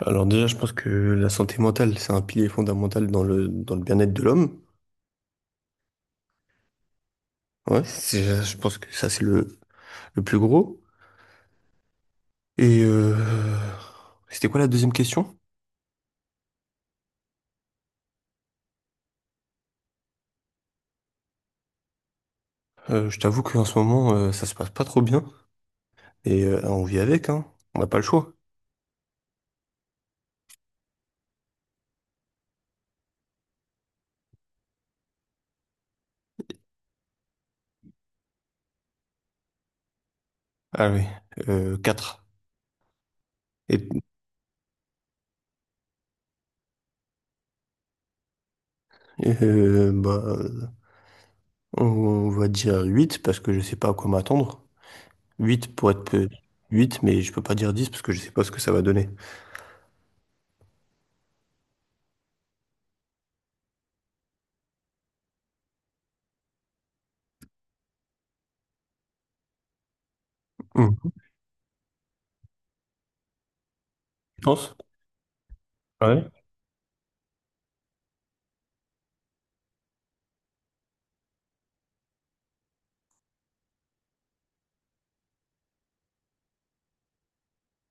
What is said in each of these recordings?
Alors déjà, je pense que la santé mentale, c'est un pilier fondamental dans le bien-être de l'homme. Ouais, je pense que ça, c'est le plus gros. Et c'était quoi la deuxième question? Je t'avoue qu'en ce moment, ça se passe pas trop bien. Et on vit avec, hein. On n'a pas le choix. Ah oui, 4. Et, euh, bah, euh, on va dire 8 parce que je sais pas à quoi m'attendre. 8 pour être peu. Huit, mais je peux pas dire 10 parce que je sais pas ce que ça va donner. Hmm. Tu penses? Ouais.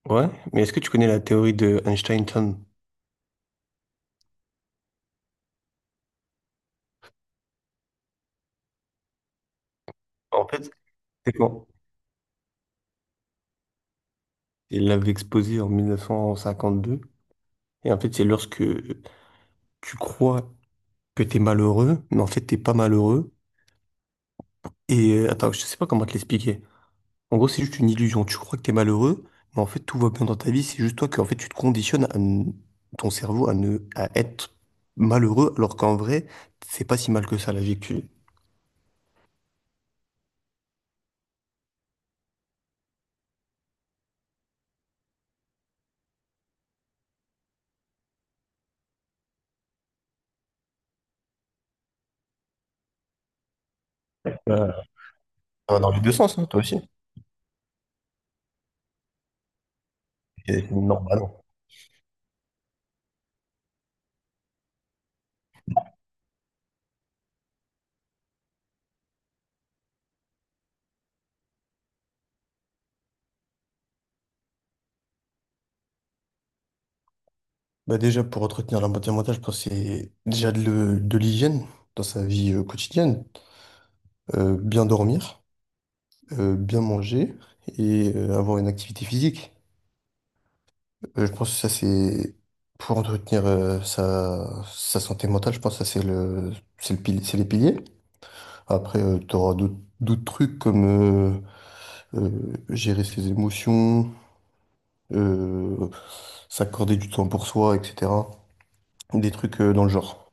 Ouais, mais est-ce que tu connais la théorie de Einstein-John? En fait, c'est quand il l'avait exposée en 1952. Et en fait, c'est lorsque tu crois que t'es malheureux, mais en fait, t'es pas malheureux. Et attends, je sais pas comment te l'expliquer. En gros, c'est juste une illusion. Tu crois que t'es malheureux, mais en fait, tout va bien dans ta vie. C'est juste toi que, en fait, tu te conditionnes à ton cerveau à ne, à être malheureux, alors qu'en vrai, c'est pas si mal que ça, la vie que tu vis. Euh, Ça va dans les deux sens, hein, toi aussi. C'est normal. Bah déjà, pour entretenir la bonne mentale, je pense que c'est déjà de l'hygiène dans sa vie quotidienne. Bien dormir, bien manger et avoir une activité physique. Je pense que ça, c'est pour entretenir sa santé mentale, je pense que ça, c'est le, c'est les piliers. Après, tu auras d'autres trucs comme euh, gérer ses émotions, euh, s'accorder du temps pour soi, etc. Des trucs dans le genre.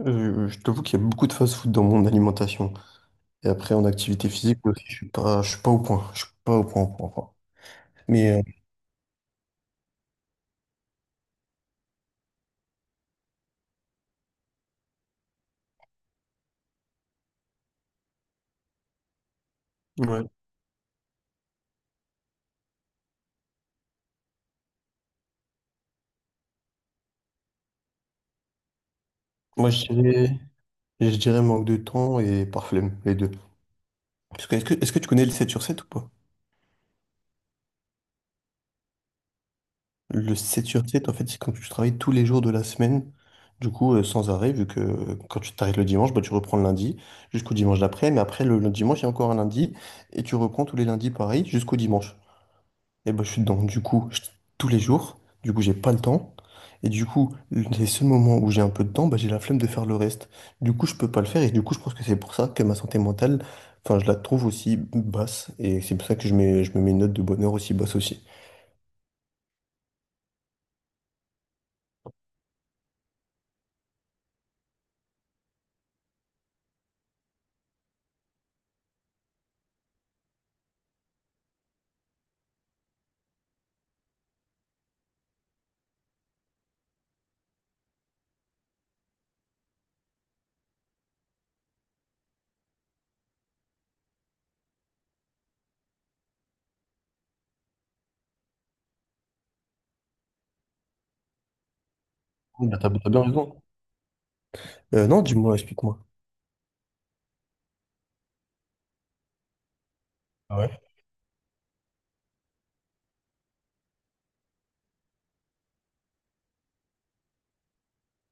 Je t'avoue qu'il y a beaucoup de fast-food dans mon alimentation. Et après, en activité physique aussi, je suis pas au point. Je suis pas au point, au point, au point. Mais ouais. Moi, je dirais manque de temps et par flemme, les deux. Parce que, est-ce que tu connais le 7 sur 7 ou pas? Le 7 sur 7, en fait, c'est quand tu travailles tous les jours de la semaine, du coup, sans arrêt, vu que quand tu t'arrêtes le dimanche, bah, tu reprends le lundi jusqu'au dimanche d'après. Mais après, le dimanche, il y a encore un lundi et tu reprends tous les lundis pareil jusqu'au dimanche. Et ben, je suis dedans. Du coup, tous les jours, du coup, j'ai pas le temps. Et du coup, les seuls moments où j'ai un peu de temps, bah, j'ai la flemme de faire le reste. Du coup, je peux pas le faire. Et du coup, je pense que c'est pour ça que ma santé mentale, enfin, je la trouve aussi basse. Et c'est pour ça que je me mets une note de bonheur aussi basse aussi. Oui, bah, t'as bien raison. Non, dis-moi, explique-moi. Ah ouais.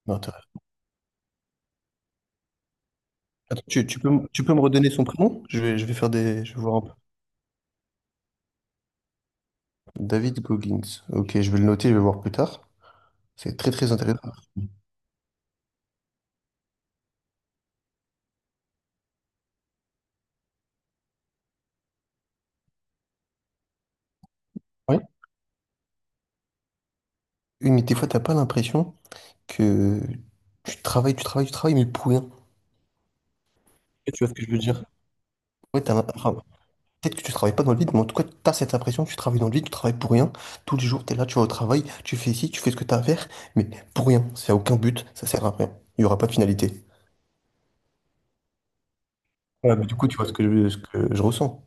Non, attends, attends, tu peux me redonner son prénom? Je vais faire je vais voir un peu. David Goggins. Ok, je vais le noter, je vais voir plus tard. C'est très très intéressant. Oui. Une, des fois, t'as pas l'impression que tu travailles, tu travailles, tu travailles, mais pour rien. Et tu vois ce que je veux dire? Ouais, enfin, peut-être que tu travailles pas dans le vide, mais en tout cas, tu as cette impression que tu travailles dans le vide, tu travailles pour rien. Tous les jours, tu es là, tu vas au travail, tu fais ici, tu fais ce que tu as à faire, mais pour rien. Ça n'a aucun but, ça sert à rien. Il n'y aura pas de finalité. Ouais, mais du coup, tu vois ce que je ressens.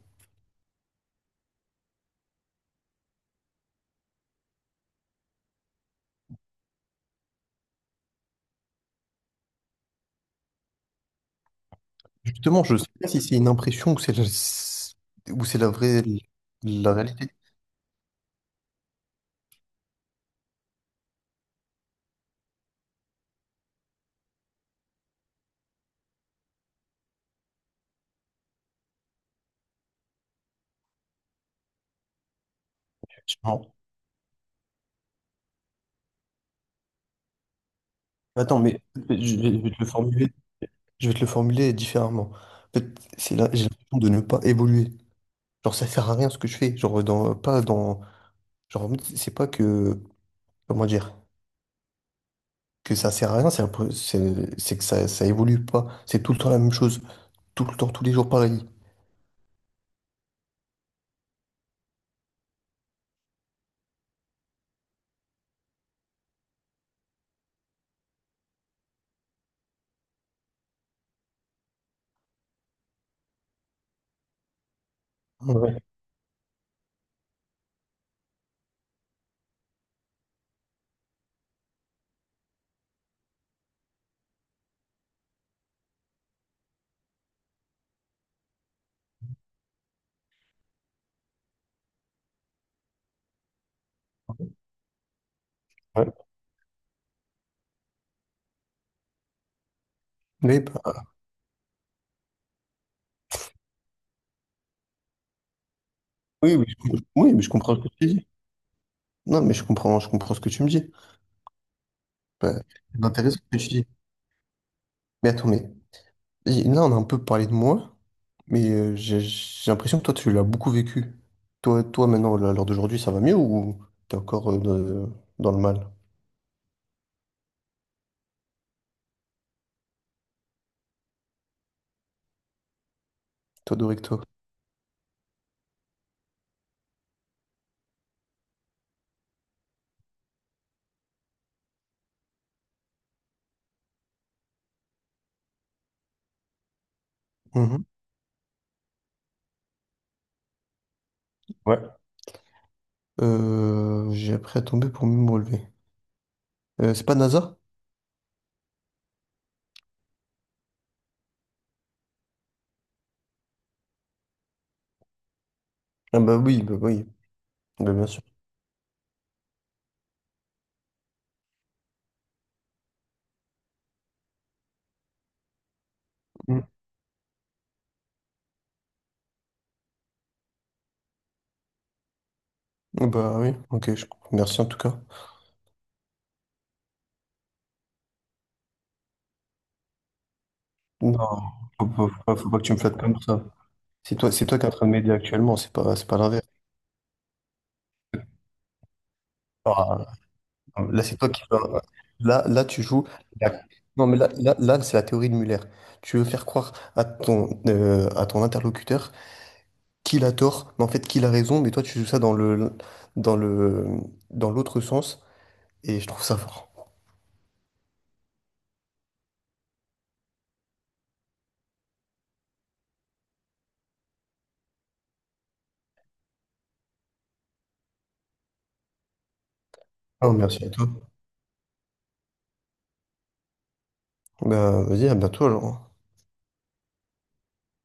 Justement, je sais pas si c'est une impression ou ou c'est la vraie la réalité. Non. Attends, mais je vais, je vais te le formuler Je vais te le formuler différemment. En fait, c'est là, j'ai l'impression de ne pas évoluer. Genre, ça sert à rien ce que je fais. Genre, dans, pas dans. Genre, en mode, c'est pas que. Comment dire? Que ça sert à rien, c'est que ça évolue pas. C'est tout le temps la même chose. Tout le temps, tous les jours pareil. Ouais, ouais. Mais, bah, oui, oui, oui, mais je comprends ce que tu dis. Non, mais je comprends ce que tu me dis. Bah, c'est intéressant ce que tu dis. Mais attends, mais et là, on a un peu parlé de moi, mais j'ai l'impression que toi, tu l'as beaucoup vécu. Toi, toi maintenant, là, à l'heure d'aujourd'hui, ça va mieux ou t'es encore dans, dans le mal? Toi, Doricto. Mhm. Ouais. J'ai appris à tomber pour mieux me relever. C'est pas NASA? Ah bah oui, bah oui, bah bien sûr. Mm. Ah bah oui, ok, merci en tout cas. Non, faut pas que tu me flattes comme ça. C'est toi qui es en train de m'aider actuellement, c'est pas l'inverse. Là, c'est toi qui vas- Là, là, tu joues. la- Non, mais là, là, là, c'est la théorie de Muller. Tu veux faire croire à à ton interlocuteur qu'il a tort, mais en fait qu'il a raison, mais toi, tu joues ça dans le, dans le, dans l'autre sens, et je trouve ça fort. Ah, merci à toi. Bah, vas-y, à bientôt alors.